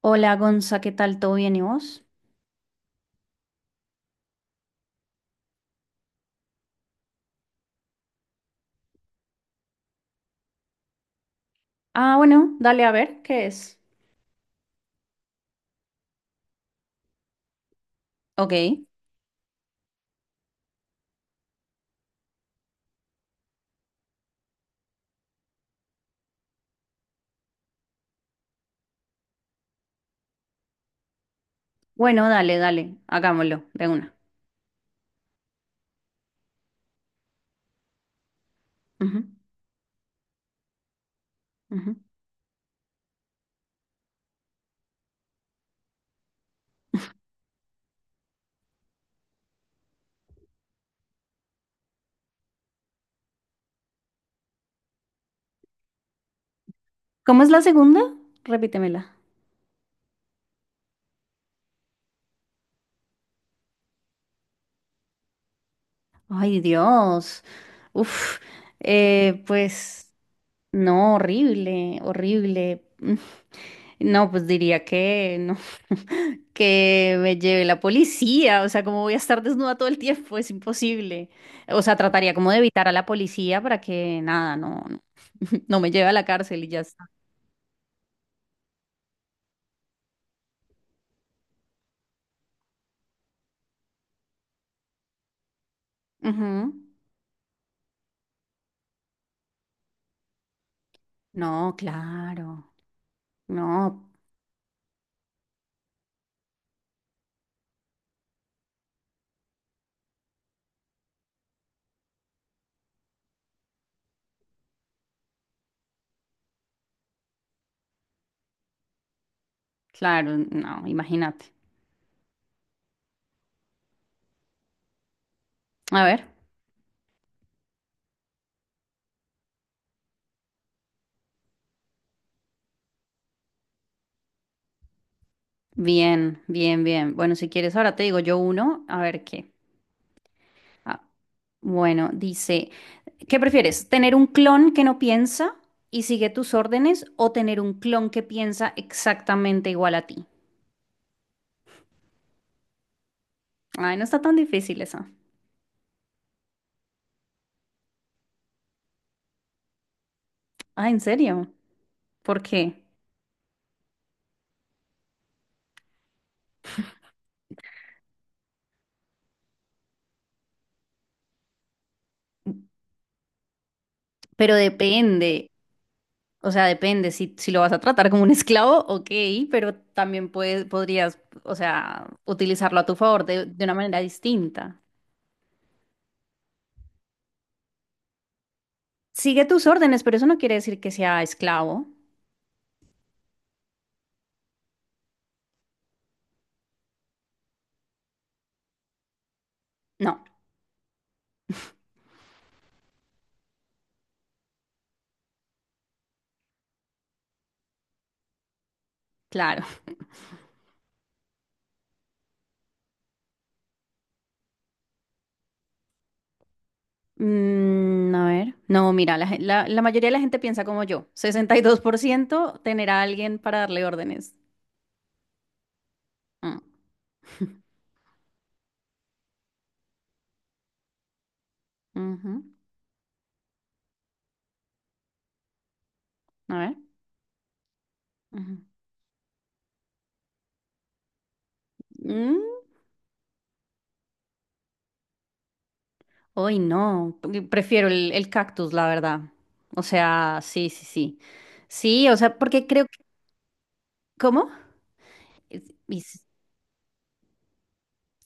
Hola Gonza, ¿qué tal? ¿Todo bien y vos? Ah, bueno, dale a ver qué es. Ok. Bueno, dale, dale, hagámoslo de una. Ujú, ujú. ¿Cómo es la segunda? Repítemela. Ay, Dios. Uf, pues no, horrible, horrible. No, pues diría que no, que me lleve la policía, o sea, ¿cómo voy a estar desnuda todo el tiempo? Es imposible. O sea, trataría como de evitar a la policía para que nada, no, no, no me lleve a la cárcel y ya está. Ujú. No, claro, no, claro, no, imagínate. A ver, bien, bien, bien. Bueno, si quieres, ahora te digo yo uno, a ver qué. Ah, bueno, dice, ¿qué prefieres? ¿Tener un clon que no piensa y sigue tus órdenes o tener un clon que piensa exactamente igual a ti? Ay, no está tan difícil esa. Ah, ¿en serio? ¿Por qué? Pero depende, o sea, depende si lo vas a tratar como un esclavo, ok, pero también puedes, podrías, o sea, utilizarlo a tu favor de una manera distinta. Sigue tus órdenes, pero eso no quiere decir que sea esclavo. No, claro. Mm, a ver, no, mira, la mayoría de la gente piensa como yo. 62% tener a alguien para darle órdenes. Mm. Ujú, a ver. Ujú. Mm, uy, no, prefiero el cactus, la verdad. O sea, sí, sí, sí. Sí, o sea, porque creo que... ¿Cómo? Es- y s-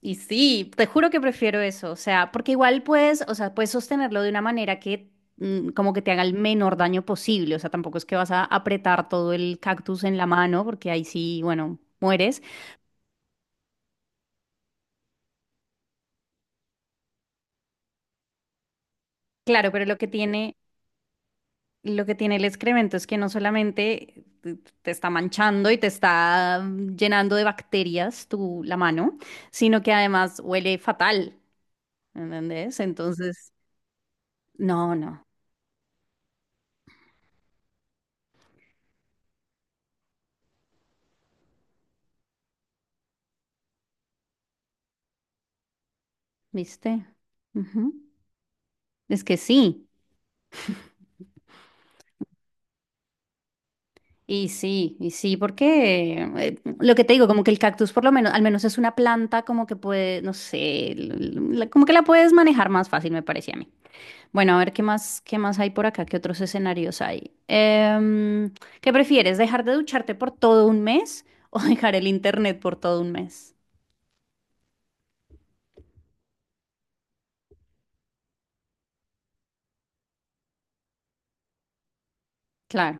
Y sí, te juro que prefiero eso, o sea, porque igual puedes, o sea, puedes sostenerlo de una manera que como que te haga el menor daño posible, o sea, tampoco es que vas a apretar todo el cactus en la mano, porque ahí sí, bueno, mueres. Claro, pero lo que tiene el excremento es que no solamente te está manchando y te está llenando de bacterias tu la mano, sino que además huele fatal, ¿entendés? Entonces, no, no, ¿viste? Ujú. Es que sí. Y sí, y sí, porque lo que te digo, como que el cactus por lo menos, al menos es una planta como que puede, no sé, como que la puedes manejar más fácil, me parecía a mí. Bueno, a ver qué más hay por acá, qué otros escenarios hay. ¿Qué prefieres, dejar de ducharte por todo un mes o dejar el internet por todo un mes? Claro,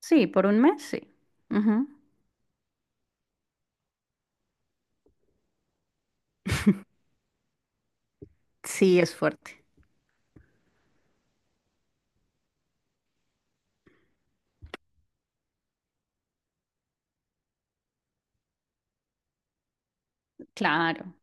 sí, por un mes, sí. Ujú. Sí, es fuerte. Claro,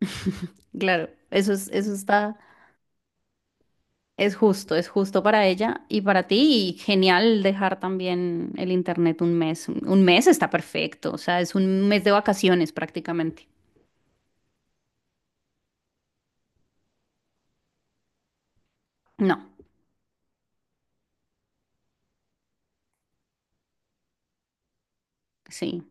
claro, eso es, eso está. Es justo para ella y para ti. Y genial dejar también el internet un mes. Un mes está perfecto, o sea, es un mes de vacaciones prácticamente. No, sí,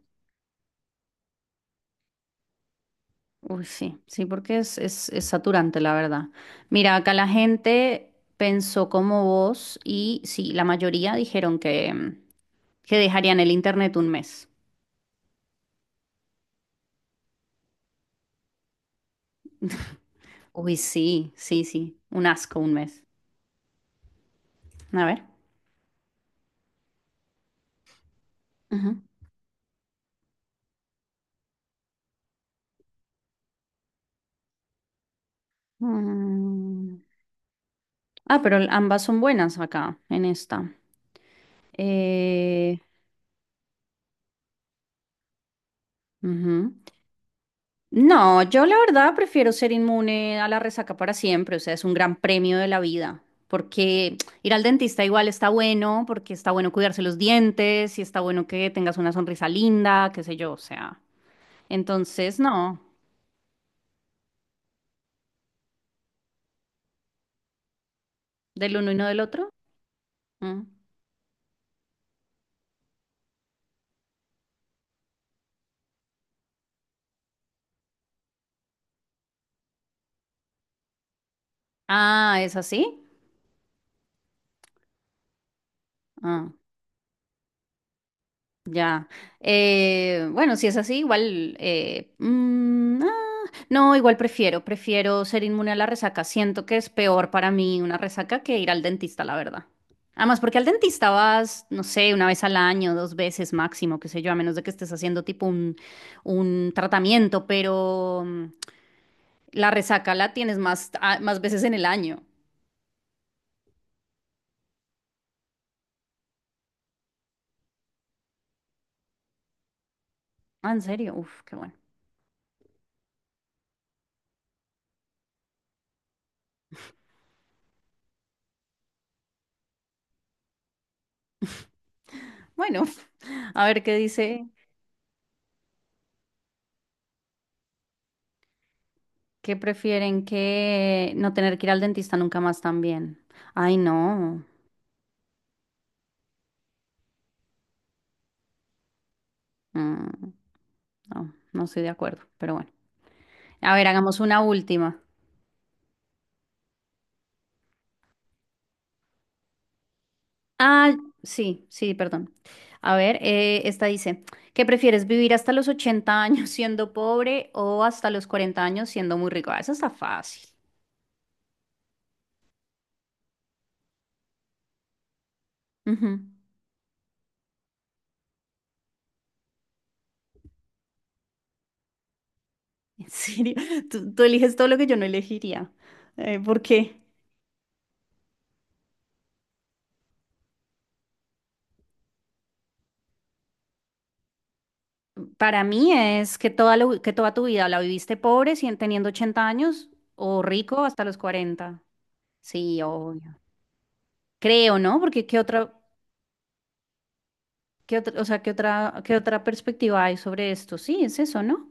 uy, sí, sí, porque es saturante, la verdad. Mira, acá la gente pensó como vos y sí, la mayoría dijeron que, que dejarían el internet un mes. Uy, sí, sí, sí, un asco un mes. A ver. Ujú. Mm, Ah, pero ambas son buenas acá, en esta. Eh, ujú. No, yo la verdad prefiero ser inmune a la resaca para siempre, o sea, es un gran premio de la vida, porque ir al dentista igual está bueno, porque está bueno cuidarse los dientes, y está bueno que tengas una sonrisa linda, qué sé yo, o sea. Entonces, no, del uno y no del otro. Mm. Ah, ¿es así? Ah. Ya. Bueno, si es así, igual... no, igual prefiero ser inmune a la resaca. Siento que es peor para mí una resaca que ir al dentista, la verdad. Además, porque al dentista vas, no sé, una vez al año, dos veces máximo, qué sé yo, a menos de que estés haciendo tipo un tratamiento, pero la resaca la tienes más, más veces en el año. Ah, ¿en serio? Uf, qué bueno. Bueno, a ver qué dice que prefieren que no tener que ir al dentista nunca más también. Ay, no. Mm, no, no estoy de acuerdo, pero bueno. A ver, hagamos una última. Ah, sí, sí, perdón. A ver, esta dice, ¿qué prefieres vivir hasta los 80 años siendo pobre o hasta los 40 años siendo muy rico? Ah, esa está fácil. Ujú. En serio, tú eliges todo lo que yo no elegiría. ¿Por qué? Para mí es que que toda tu vida la viviste pobre, teniendo 80 años, o rico hasta los 40. Sí, obvio. Creo, ¿no? Porque o sea, qué otra perspectiva hay sobre esto. Sí, es eso, ¿no?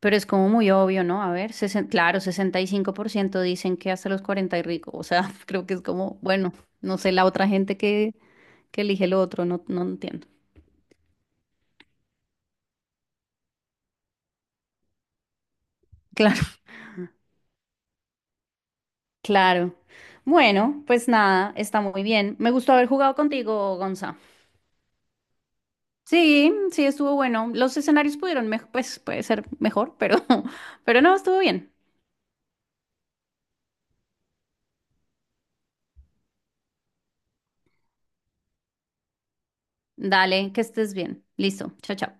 Pero es como muy obvio, ¿no? A ver, claro, 65% dicen que hasta los 40 y rico. O sea, creo que es como, bueno, no sé, la otra gente que elige lo otro, no, no entiendo. Claro. Claro. Bueno, pues nada, está muy bien. Me gustó haber jugado contigo, Gonza. Sí, sí, estuvo bueno. Los escenarios pudieron, pues puede ser mejor, pero, pero no, estuvo bien. Dale, que estés bien. Listo. Chao, chao.